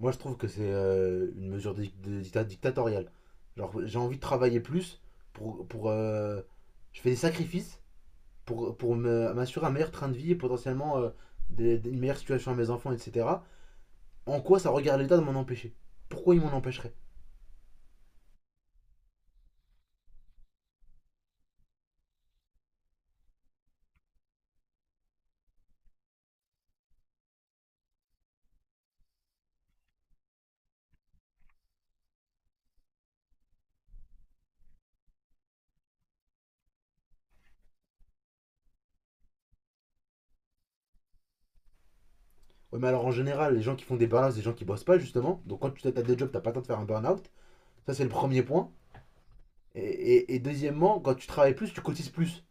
Moi, je trouve que c'est une mesure dictatoriale. Genre, j'ai envie de travailler plus pour je fais des sacrifices m'assurer un meilleur train de vie et potentiellement une meilleure situation à mes enfants, etc. En quoi ça regarde l'État de m'en empêcher? Pourquoi il m'en empêcherait? Ouais, mais alors en général, les gens qui font des burn-out, c'est des gens qui bossent pas justement. Donc quand tu as des jobs, t'as pas le temps de faire un burn-out. Ça, c'est le premier point. Et deuxièmement, quand tu travailles plus, tu cotises plus.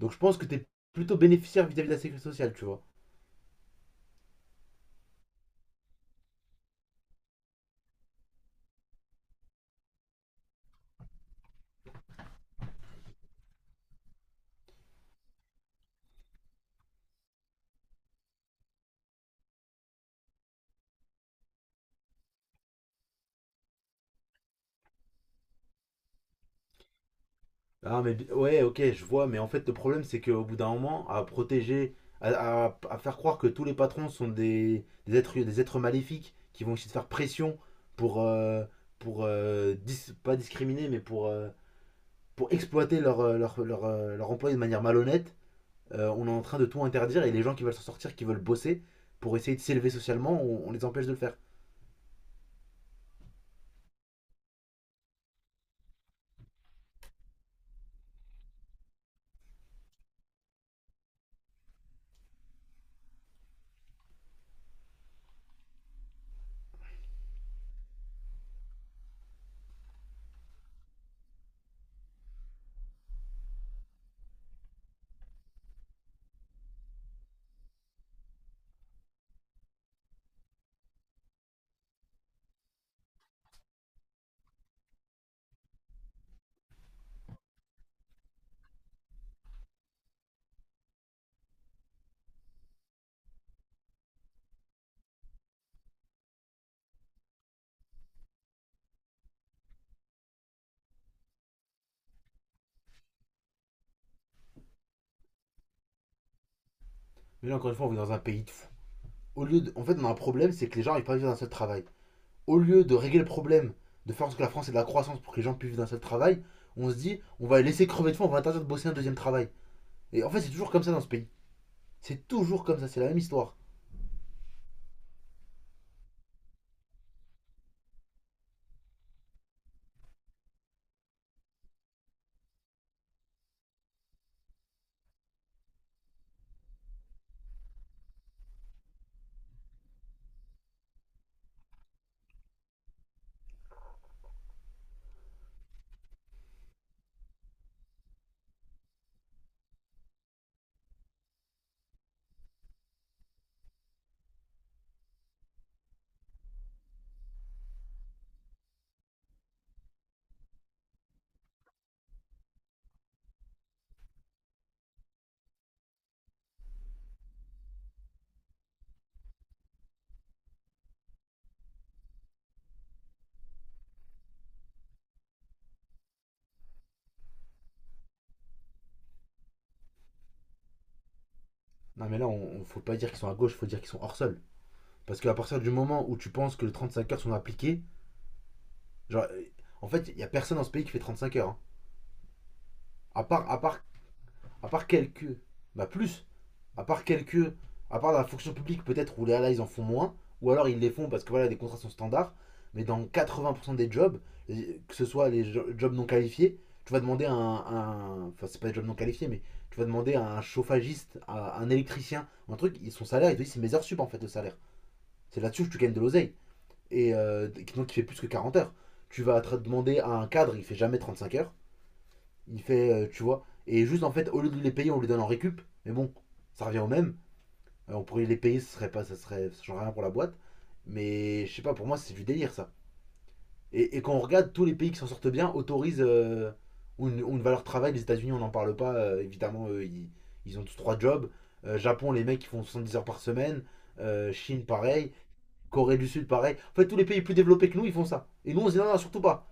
Donc je pense que t'es plutôt bénéficiaire vis-à-vis de la sécurité sociale, tu vois. Ah, mais ouais, ok, je vois, mais en fait, le problème, c'est qu'au bout d'un moment, à protéger, à faire croire que tous les patrons sont des êtres maléfiques qui vont essayer de faire pression pour, euh, pas discriminer, mais pour exploiter leur employé de manière malhonnête, on est en train de tout interdire et les gens qui veulent s'en sortir, qui veulent bosser pour essayer de s'élever socialement, on les empêche de le faire. Mais là, encore une fois, on vit dans un pays de fous. En fait, on a un problème, c'est que les gens n'arrivent pas à vivre d'un seul travail. Au lieu de régler le problème, de faire en sorte que la France ait de la croissance pour que les gens puissent vivre d'un seul travail, on se dit, on va les laisser crever de faim, on va interdire de bosser un deuxième travail. Et en fait, c'est toujours comme ça dans ce pays. C'est toujours comme ça, c'est la même histoire. Non, mais là, faut pas dire qu'ils sont à gauche, il faut dire qu'ils sont hors sol. Parce qu'à partir du moment où tu penses que les 35 heures sont appliquées, genre, euh, en fait, il y a personne dans ce pays qui fait 35 heures, hein. À part, à part, à part quelques, bah plus. à part quelques, à part la fonction publique peut-être où là ils en font moins, ou alors ils les font parce que voilà les contrats sont standards, mais dans 80% des jobs, que ce soit les jobs non qualifiés, tu vas demander à enfin c'est pas des jobs non qualifiés, mais tu vas demander à un chauffagiste, à un électricien, un truc, son salaire, il te dit c'est mes heures sup en fait de salaire. C'est là-dessus que tu gagnes de l'oseille. Et euh, donc il fait plus que 40 heures. Tu vas te demander à un cadre, il fait jamais 35 heures. Il fait, tu vois. Et juste en fait, au lieu de les payer, on les donne en récup. Mais bon, ça revient au même. On pourrait les payer, ce serait pas, ça serait, ça changerait rien pour la boîte. Mais je sais pas, pour moi, c'est du délire ça. Et quand on regarde, tous les pays qui s'en sortent bien autorisent une valeur travail. Les États-Unis, on n'en parle pas. Évidemment, eux, ils ont tous trois jobs. Japon, les mecs, qui font 70 heures par semaine. Chine, pareil. Corée du Sud, pareil. En fait, tous les pays plus développés que nous, ils font ça. Et nous, on se dit non, non, surtout pas.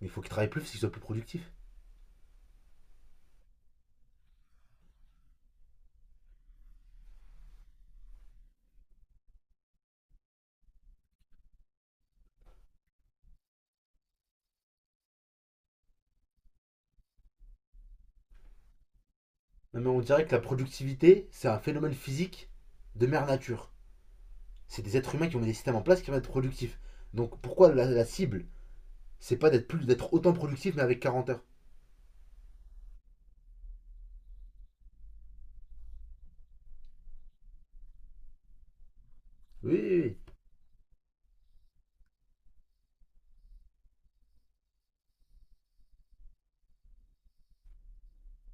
Mais il faut qu'ils travaillent plus, parce qu'ils soient plus productifs. Non, mais on dirait que la productivité, c'est un phénomène physique de mère nature. C'est des êtres humains qui ont mis des systèmes en place qui vont être productifs. Donc pourquoi la cible, c'est pas d'être autant productif mais avec 40 heures? Oui, oui, oui.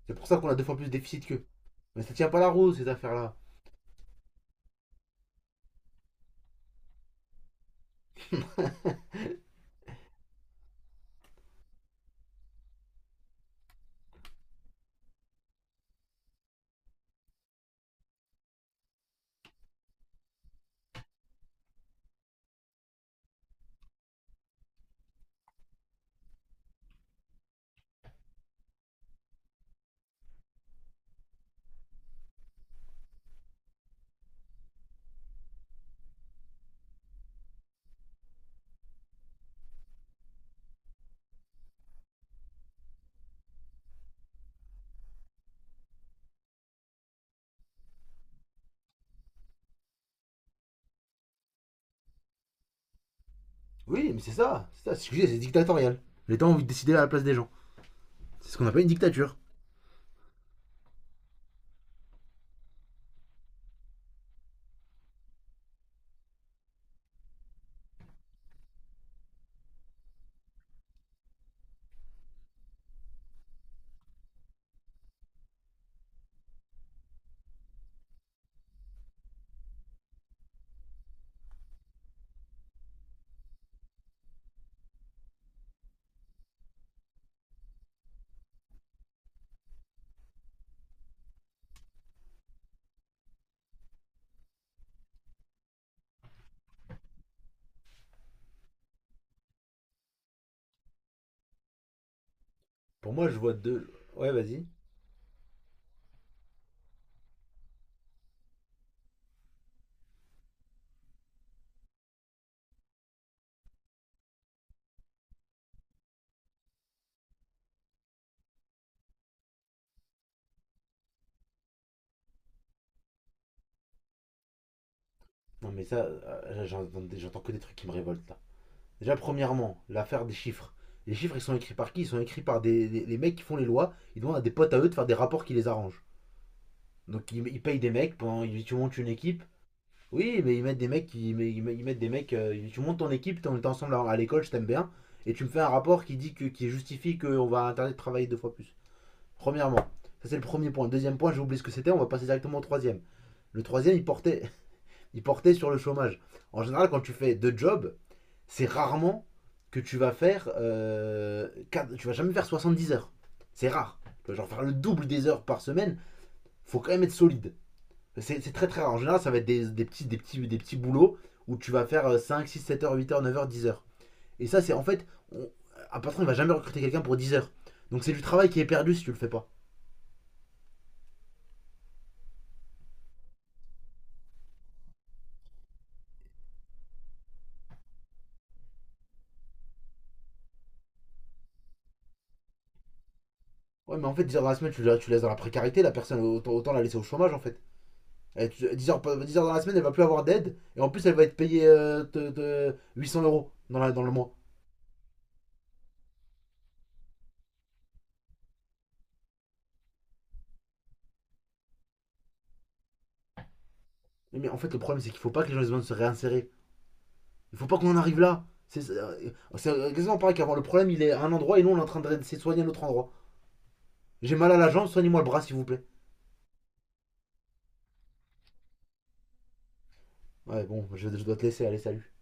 C'est pour ça qu'on a deux fois plus de déficit qu'eux. Mais ça tient pas la roue cette affaire-là. Oui, mais c'est ça. C'est ça. Excusez, c'est dictatorial. Les L'État ont envie de décider à la place des gens. C'est ce qu'on appelle une dictature. Pour moi, je vois deux. Ouais, vas-y. Non, mais ça, j'entends que des trucs qui me révoltent là. Déjà, premièrement, l'affaire des chiffres. Les chiffres, ils sont écrits par qui? Ils sont écrits par les mecs qui font les lois. Ils demandent à des potes à eux de faire des rapports qui les arrangent. Donc ils payent des mecs tu montes une équipe. Oui, mais ils mettent des mecs tu montes ton équipe, on est ensemble à l'école, je t'aime bien et tu me fais un rapport qui dit que qui justifie qu'on va interdire de travailler deux fois plus. Premièrement, ça c'est le premier point. Le deuxième point, j'ai oublié ce que c'était, on va passer directement au troisième. Le troisième, il portait il portait sur le chômage. En général, quand tu fais deux jobs, c'est rarement que tu vas faire tu vas jamais faire 70 heures. C'est rare. Tu vas genre faire le double des heures par semaine, faut quand même être solide. C'est très très rare. En général, ça va être des petits, des, petits, des petits boulots où tu vas faire 5 6 7 heures, 8 heures, 9 heures, 10 heures. Et ça, c'est en fait, on- un patron, il va jamais recruter quelqu'un pour 10 heures. Donc c'est du travail qui est perdu si tu le fais pas. Ouais, mais en fait, 10 heures dans la semaine, tu laisses dans la précarité, la personne, autant la laisser au chômage en fait. Dix heures dans la semaine, elle va plus avoir d'aide. Et en plus, elle va être payée de 800 € dans le mois. Mais en fait, le problème, c'est qu'il faut pas que les gens aient besoin de se réinsérer. Il faut pas qu'on en arrive là. C'est exactement pareil qu'avant. Le problème, il est à un endroit et nous, on est en train de s'éloigner à un autre endroit. J'ai mal à la jambe, soignez-moi le bras s'il vous plaît. Ouais, bon, je dois te laisser, allez, salut.